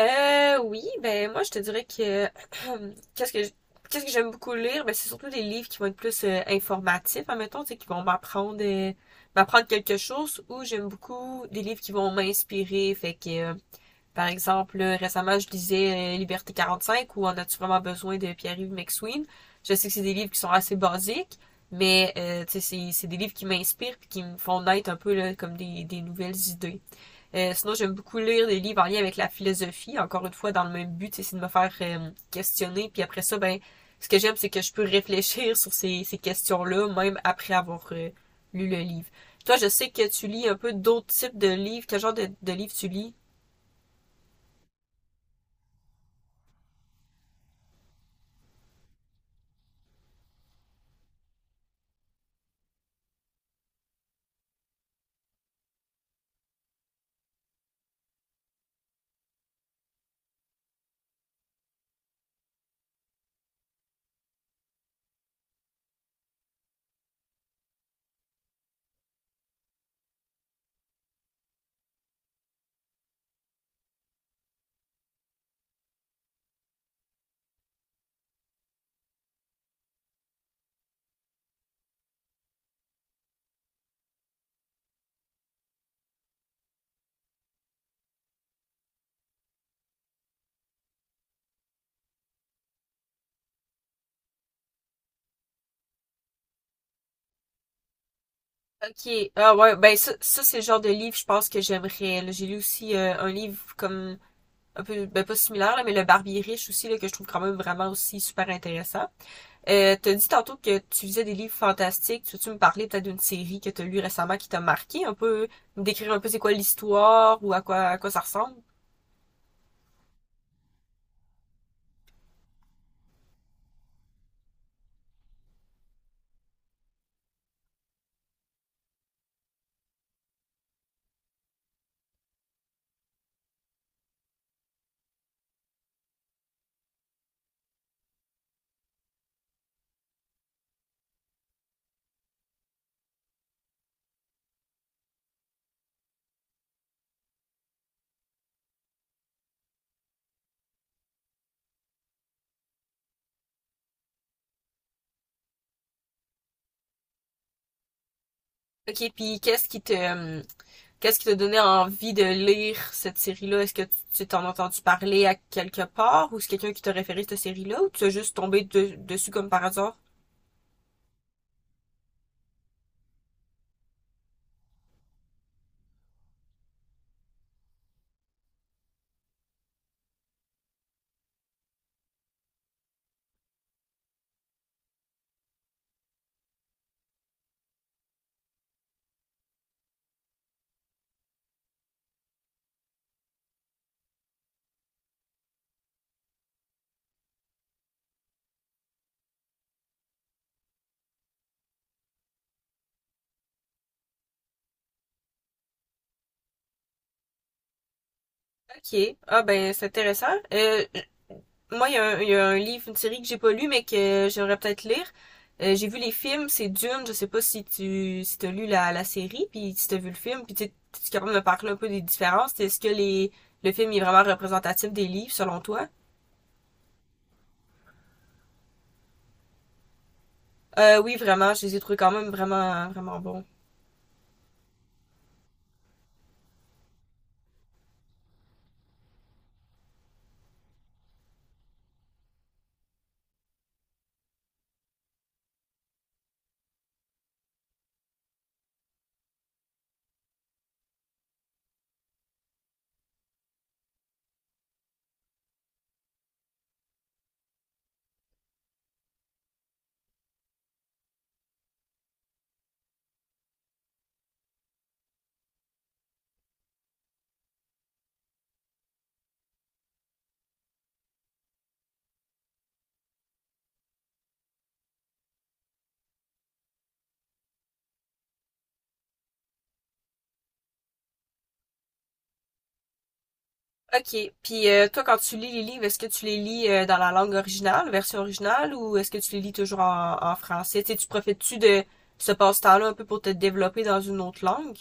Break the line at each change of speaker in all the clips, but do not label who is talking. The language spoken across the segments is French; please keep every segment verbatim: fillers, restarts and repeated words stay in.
Euh, oui, ben moi je te dirais que qu'est-ce que je- qu'est-ce que j'aime beaucoup lire, ben c'est surtout des livres qui vont être plus euh, informatifs, admettons, tu sais, qui vont m'apprendre euh, m'apprendre quelque chose, ou j'aime beaucoup des livres qui vont m'inspirer, fait que euh, par exemple, là, récemment je lisais euh, Liberté quarante-cinq ou En as-tu vraiment besoin de Pierre-Yves McSween. Je sais que c'est des livres qui sont assez basiques, mais euh, tu sais c'est c'est des livres qui m'inspirent puis qui me font naître un peu là, comme des des nouvelles idées. Euh, sinon, j'aime beaucoup lire des livres en lien avec la philosophie, encore une fois, dans le même but, c'est de me faire euh, questionner. Puis après ça, ben, ce que j'aime, c'est que je peux réfléchir sur ces, ces questions-là, même après avoir euh, lu le livre. Toi, je sais que tu lis un peu d'autres types de livres. Quel genre de, de livres tu lis? Ok. Ah ouais, ben ça, ça c'est le genre de livre, je pense, que j'aimerais. Là. J'ai lu aussi euh, un livre comme un peu, ben pas similaire, là, mais Le Barbier riche aussi, là, que je trouve quand même vraiment aussi super intéressant. Euh, t'as dit tantôt que tu lisais des livres fantastiques. Tu veux-tu me parler peut-être d'une série que t'as lue récemment qui t'a marqué un peu, me décrire un peu c'est quoi l'histoire ou à quoi à quoi ça ressemble? Ok, puis qu'est-ce qui te euh, qu'est-ce qui t'a donné envie de lire cette série-là? Est-ce que tu tu t'en as entendu parler à quelque part ou c'est quelqu'un qui t'a référé cette série-là ou tu as juste tombé de- dessus comme par hasard? Ok, ah ben c'est intéressant. Euh, Moi, il y, a un- il y a un livre, une série que j'ai pas lu, mais que j'aimerais peut-être lire. Euh, j'ai vu les films, c'est Dune. Je sais pas si tu si t'as lu la, la série, puis si t'as vu le film, puis tu tu es capable de me parler un peu des différences. Est-ce que les le film est vraiment représentatif des livres selon toi? Euh, oui, vraiment, je les ai trouvés quand même vraiment vraiment bons. Ok, puis euh, toi, quand tu lis les livres, est-ce que tu les lis euh, dans la langue originale, version originale, ou est-ce que tu les lis toujours en, en français? Tu sais, tu profites-tu de ce passe-temps-là un peu pour te développer dans une autre langue?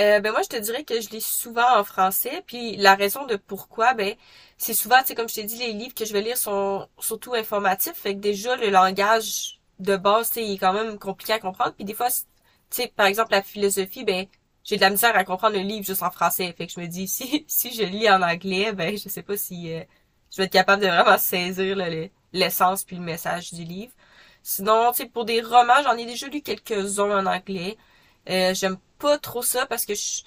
Euh, ben moi je te dirais que je lis souvent en français, puis la raison de pourquoi, ben c'est souvent, tu sais, comme je t'ai dit, les livres que je vais lire sont surtout informatifs, fait que déjà le langage de base, tu sais, il est quand même compliqué à comprendre, puis des fois, c'est- tu sais, par exemple la philosophie, ben j'ai de la misère à comprendre le livre juste en français, fait que je me dis si si je lis en anglais, ben je sais pas si euh, je vais être capable de vraiment saisir là, le- l'essence puis le message du livre. Sinon, tu sais, pour des romans, j'en ai déjà lu quelques-uns en anglais. Euh, j'aime pas trop ça parce que je,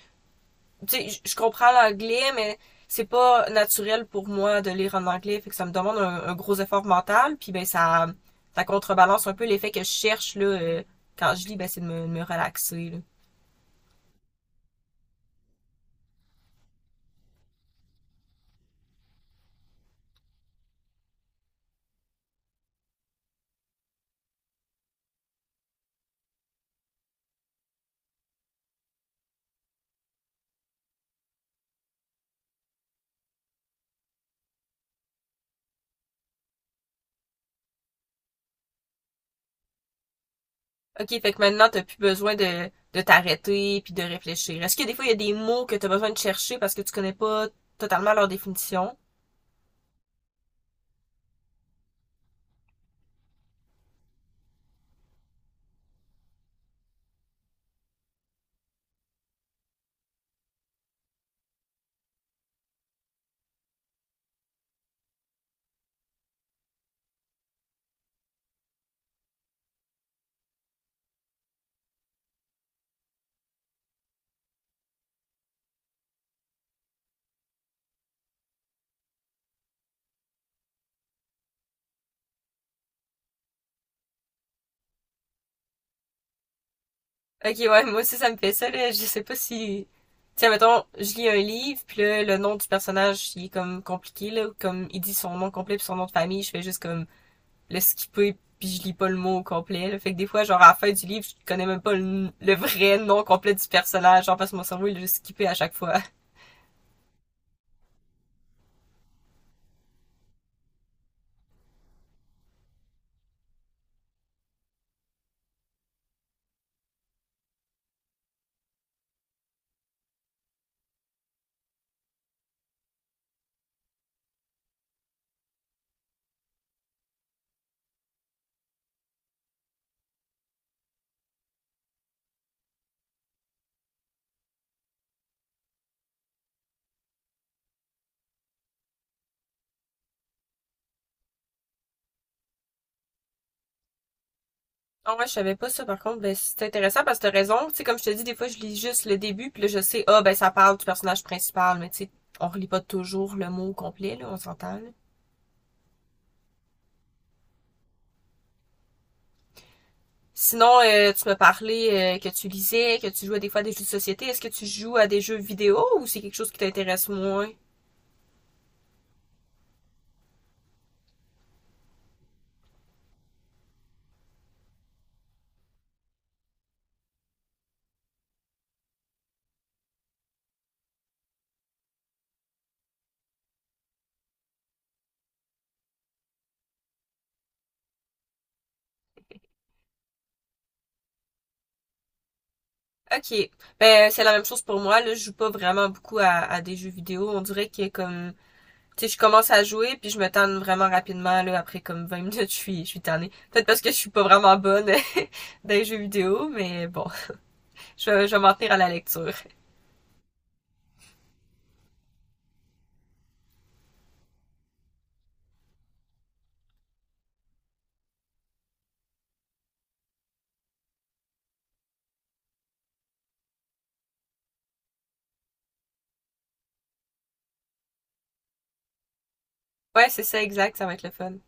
tu sais, je comprends l'anglais, mais c'est pas naturel pour moi de lire en anglais, fait que ça me demande un, un gros effort mental, puis ben ça, ça contrebalance un peu l'effet que je cherche là, euh, quand je lis, ben c'est de me, de me relaxer. Là. Ok, fait que maintenant t'as plus besoin de, de t'arrêter puis de réfléchir. Est-ce que des fois il y a des mots que t'as besoin de chercher parce que tu connais pas totalement leur définition? Ok, ouais, moi aussi ça me fait ça, là. Je sais pas si… Tiens, mettons, je lis un livre, puis là, le nom du personnage, il est comme compliqué, là. Comme il dit son nom complet puis son nom de famille, je fais juste comme le skipper, puis je lis pas le mot au complet, là. Fait que des fois, genre, à la fin du livre, je connais même pas le, le vrai nom complet du personnage, genre, parce que mon cerveau, il le skippé à chaque fois. Ah ouais, je savais pas ça, par contre, ben, c'est intéressant parce que t'as raison. Tu sais, comme je te dis, des fois, je lis juste le début, puis là, je sais, ah, ben, ça parle du personnage principal, mais tu sais, on relit pas toujours le mot au complet, là, on s'entend, là. Sinon, euh, tu m'as parlé euh, que tu lisais, que tu jouais des fois à des jeux de société. Est-ce que tu joues à des jeux vidéo ou c'est quelque chose qui t'intéresse moins? Ok. Ben, c'est la même chose pour moi. Là, je joue pas vraiment beaucoup à, à des jeux vidéo. On dirait que comme, tu sais, je commence à jouer puis je me tanne vraiment rapidement. Là, après comme vingt minutes, je suis, je suis tannée. Peut-être parce que je suis pas vraiment bonne dans les jeux vidéo, mais bon, je, vais- je vais m'en tenir à la lecture. Ouais, c'est ça, exact. Ça va être le fun.